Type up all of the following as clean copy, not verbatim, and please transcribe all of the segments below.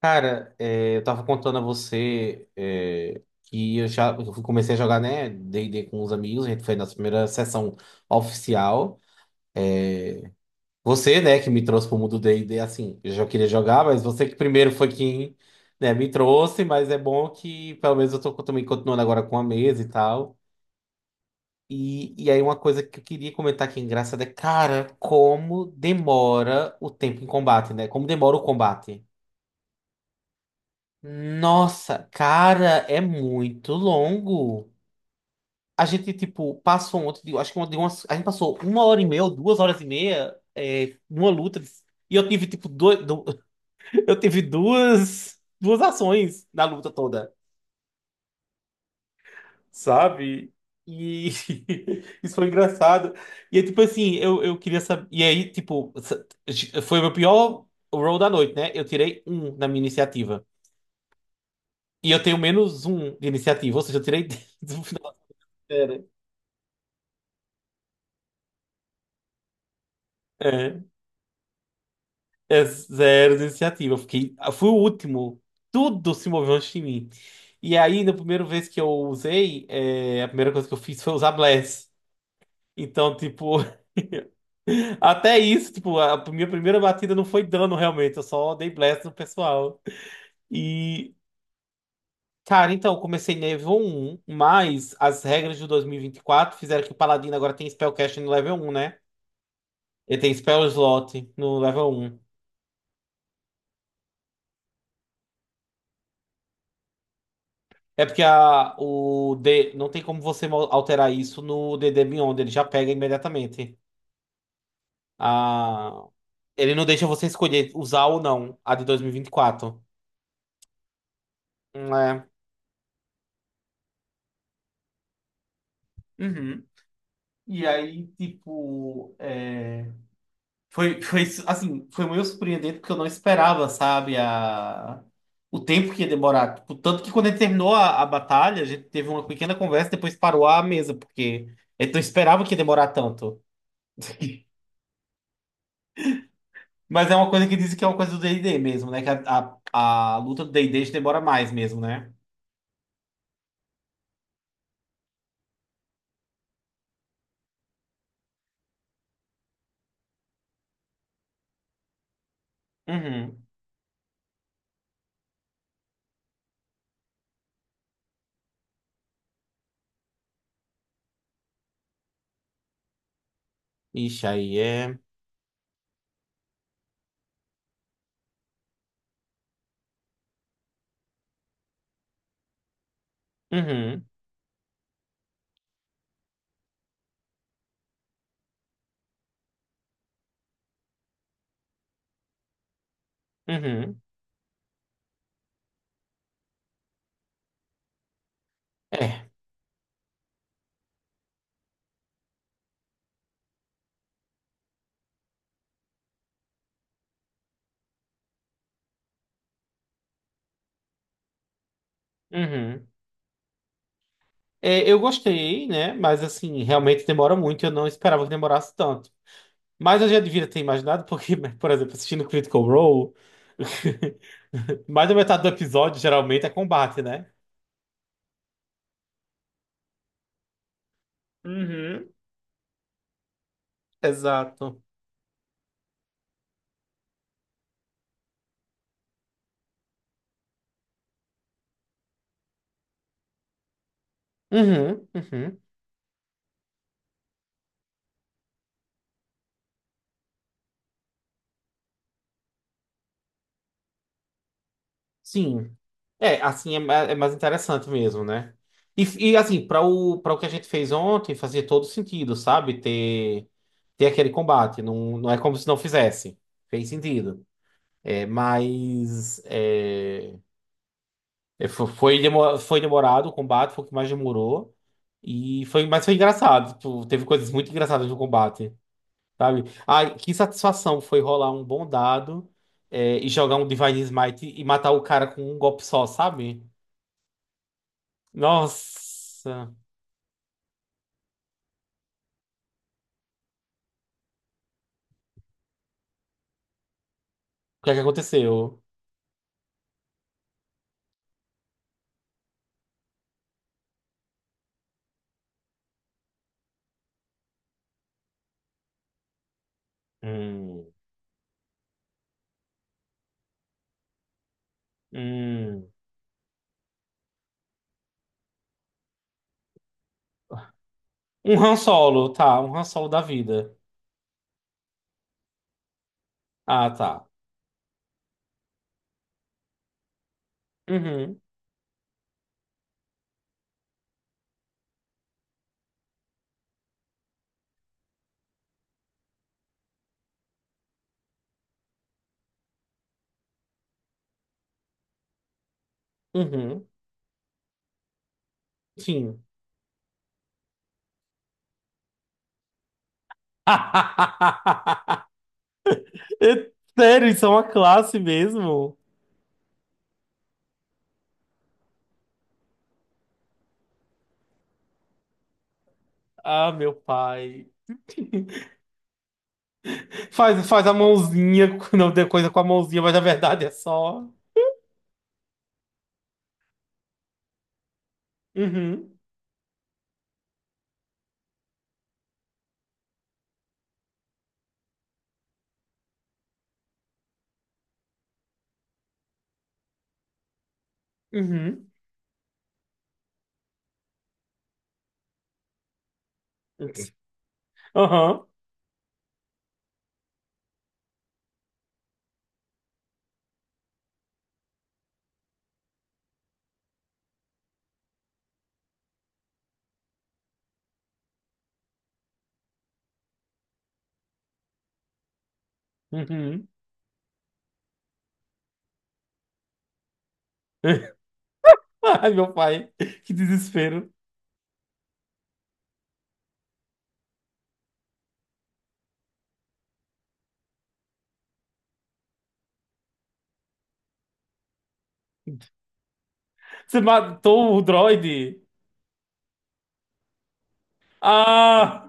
Cara, eu tava contando a você que eu já comecei a jogar, né, D&D com os amigos, a gente foi na primeira sessão oficial. Você, né, que me trouxe pro mundo D&D, assim, eu já queria jogar, mas você que primeiro foi quem, né, me trouxe, mas é bom que pelo menos eu tô também continuando agora com a mesa e tal. E aí uma coisa que eu queria comentar aqui é engraçada cara, como demora o tempo em combate, né? Como demora o combate. Nossa, cara, é muito longo. A gente, tipo, passou ontem, acho que a gente passou uma hora e meia ou duas horas e meia numa luta. E eu tive, tipo, eu tive duas ações na luta toda, sabe? E isso foi engraçado. E é tipo assim, eu queria saber. E aí, tipo, foi o meu pior roll da noite, né? Eu tirei um na minha iniciativa. E eu tenho menos um de iniciativa, ou seja, eu tirei do final. É, é zero iniciativa. Eu fui o último. Tudo se moveu antes de mim. E aí, na primeira vez que eu usei, a primeira coisa que eu fiz foi usar Bless. Então, tipo, até isso, tipo, a minha primeira batida não foi dano realmente, eu só dei Bless no pessoal. E, cara, então, eu comecei nível um. Mas as regras de 2024 fizeram que o Paladino agora tem Spellcasting no level um, né? Ele tem Spell Slot no level um. É porque não tem como você alterar isso no DD Beyond, ele já pega imediatamente. A, ele não deixa você escolher usar ou não a de 2024. É. Uhum. E aí, tipo, foi, assim, foi meio surpreendente porque eu não esperava, sabe, o tempo que ia demorar. Tipo, tanto que quando a gente terminou a batalha, a gente teve uma pequena conversa e depois parou a mesa, porque a gente não esperava que ia demorar tanto. Mas é uma coisa que dizem que é uma coisa do D&D mesmo, né? Que a luta do D&D já demora mais mesmo, né? Uhum. Ixi, aí é... Uhum, uhum. É, uhum. É, eu gostei, né? Mas, assim, realmente demora muito. Eu não esperava que demorasse tanto. Mas eu já devia ter imaginado, porque, por exemplo, assistindo Critical Role, mais da metade do episódio geralmente é combate, né? Uhum, exato. Uhum, uhum. Sim. É, assim é, é mais interessante mesmo, né? E, e, assim, para o que a gente fez ontem, fazia todo sentido, sabe? Ter aquele combate. Não, não é como se não fizesse. Fez sentido. É, mas foi demorado o combate, foi o que mais demorou. E foi, mas foi engraçado. Tipo, teve coisas muito engraçadas no combate, sabe? Ai, que satisfação foi rolar um bom dado e jogar um Divine Smite e matar o cara com um golpe só, sabe? Nossa, o que é que aconteceu? Hum, hum. Um Han Solo, tá, um Han Solo da vida. Ah, tá. Uhum, uhum, sim. É, sério, isso é uma classe mesmo? Ah, meu pai. Faz, faz a mãozinha, não tem coisa com a mãozinha, mas na verdade é só. Uhum, uhum, aham, uhum. Ai, meu pai, que desespero. Você matou o droide? Ah!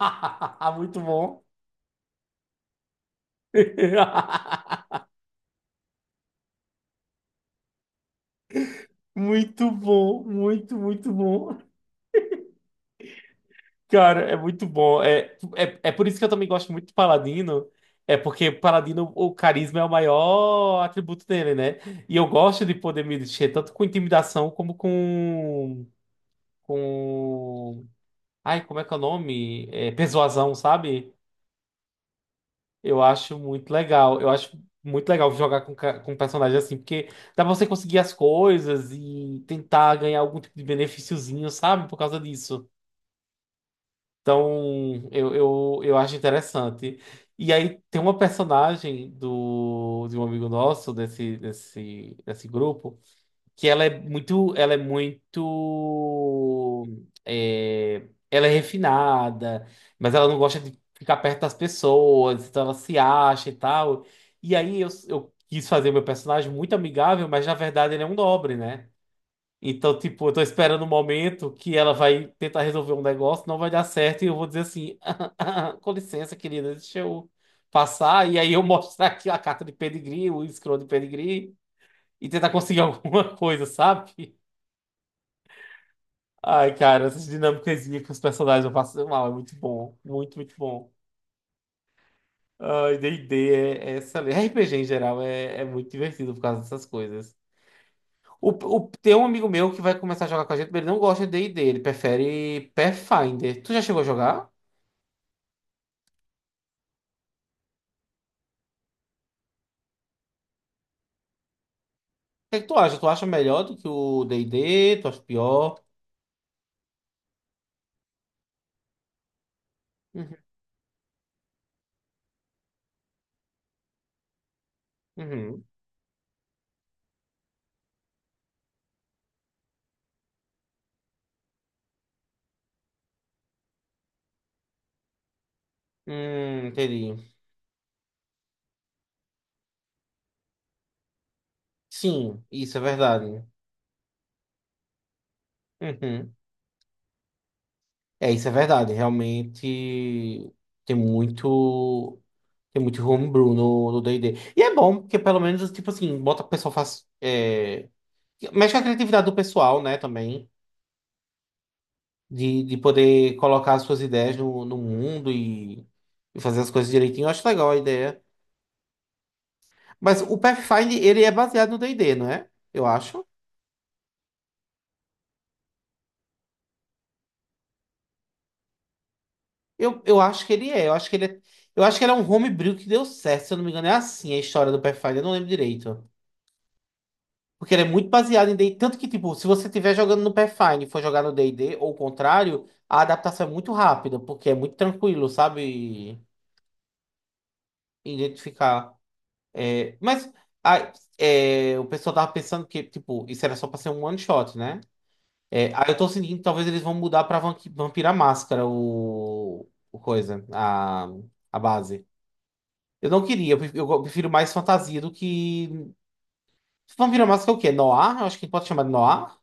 Muito bom. Muito bom, muito, muito bom. Cara, é muito bom. É por isso que eu também gosto muito de Paladino. É porque Paladino, o carisma é o maior atributo dele, né? E eu gosto de poder me mexer tanto com intimidação como com. Com. Ai, como é que é o nome? É, persuasão, sabe? Eu acho muito legal. Eu acho muito legal jogar com personagem assim, porque dá pra você conseguir as coisas e tentar ganhar algum tipo de benefíciozinho, sabe? Por causa disso. Então, eu acho interessante. E aí tem uma personagem de um amigo nosso, desse grupo, que ela é refinada, mas ela não gosta de ficar perto das pessoas, então ela se acha e tal. E aí eu quis fazer meu personagem muito amigável, mas na verdade ele é um nobre, né? Então, tipo, eu tô esperando o momento que ela vai tentar resolver um negócio, não vai dar certo, e eu vou dizer assim, com licença, querida, deixa eu passar, e aí eu mostrar aqui a carta de pedigree, o escroto de pedigree, e tentar conseguir alguma coisa, sabe? Ai, cara, essas dinâmicas com os personagens eu passo mal, é muito bom. Muito, muito bom. Ai, D&D é excelente. RPG em geral é muito divertido por causa dessas coisas. Tem um amigo meu que vai começar a jogar com a gente, mas ele não gosta de D&D, ele prefere Pathfinder. Tu já chegou a jogar? O que é que tu acha? Tu acha melhor do que o D&D? Tu acha pior? Uhum, uhum. Entendi. Sim, isso é verdade. Uhum. É, isso é verdade. Realmente tem muito. Tem muito homebrew no D&D. E D. E é bom, porque pelo menos, tipo assim, bota o pessoal faz. Mexe com a criatividade do pessoal, né, também. De poder colocar as suas ideias no mundo e fazer as coisas direitinho. Eu acho legal a ideia. Mas o Pathfinder, ele é baseado no D&D, não é? Eu acho. Eu acho que ele é. Eu acho que ele é. Eu acho que ele é um homebrew que deu certo, se eu não me engano. É assim a história do Pathfinder, eu não lembro direito. Porque ele é muito baseado em D&D. Tanto que, tipo, se você estiver jogando no Pathfinder e for jogar no D&D, ou o contrário, a adaptação é muito rápida, porque é muito tranquilo, sabe? Identificar. É, mas a- o pessoal tava pensando que, tipo, isso era só pra ser um one shot, né? É, aí eu tô sentindo que talvez eles vão mudar pra Vampira Máscara o coisa, a base. Eu não queria, eu prefiro mais fantasia do que... Vampira Máscara é o quê? Noir? Eu acho que pode chamar de Noir.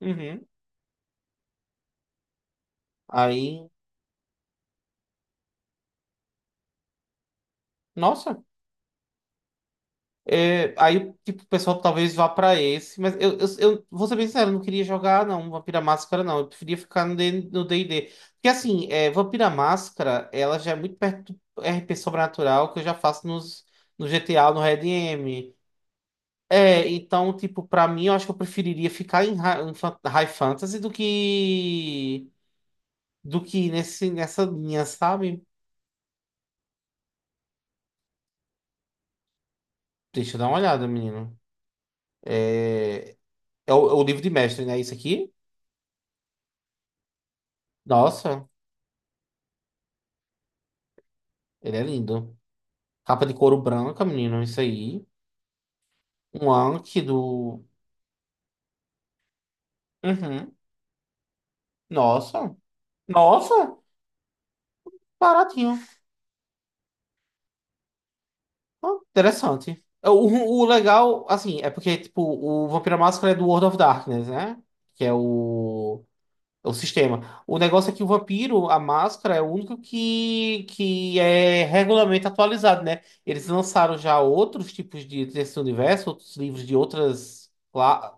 Uhum. Aí Nossa, aí tipo, o pessoal talvez vá pra esse, mas eu vou ser bem sincero, eu não queria jogar não, Vampira Máscara não, eu preferia ficar no D e D. Porque assim, Vampira Máscara, ela já é muito perto do RP Sobrenatural que eu já faço no GTA, no Red M. É, então, tipo, pra mim, eu acho que eu preferiria ficar em High Fantasy do que nessa linha, sabe? Deixa eu dar uma olhada, menino. É, é o livro de mestre, né? Isso aqui? Nossa. Ele é lindo. Capa de couro branca, menino, isso aí. Um Anki do. Uhum. Nossa. Nossa. Baratinho. Ah, interessante. O legal, assim, é porque, tipo, o Vampira Máscara é do World of Darkness, né? Que é o. É o sistema. O negócio é que o vampiro, a máscara, é o único que é regularmente atualizado, né? Eles lançaram já outros tipos de desse universo, outros livros de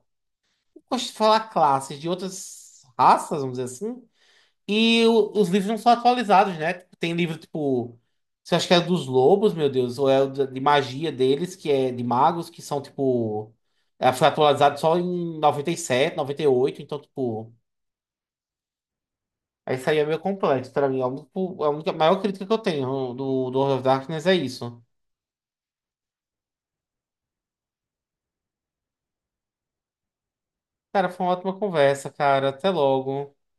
gosto de falar classes de outras raças, vamos dizer assim. Os livros não são atualizados, né? Tipo, tem livro tipo. Você acha que é dos lobos, meu Deus? Ou é o de magia deles, que é de magos, que são tipo. Foi atualizado só em 97, 98, então, tipo. Aí Isso aí é meio complexo pra mim. A única, maior crítica que eu tenho do World of Darkness é isso. Cara, foi uma ótima conversa, cara. Até logo.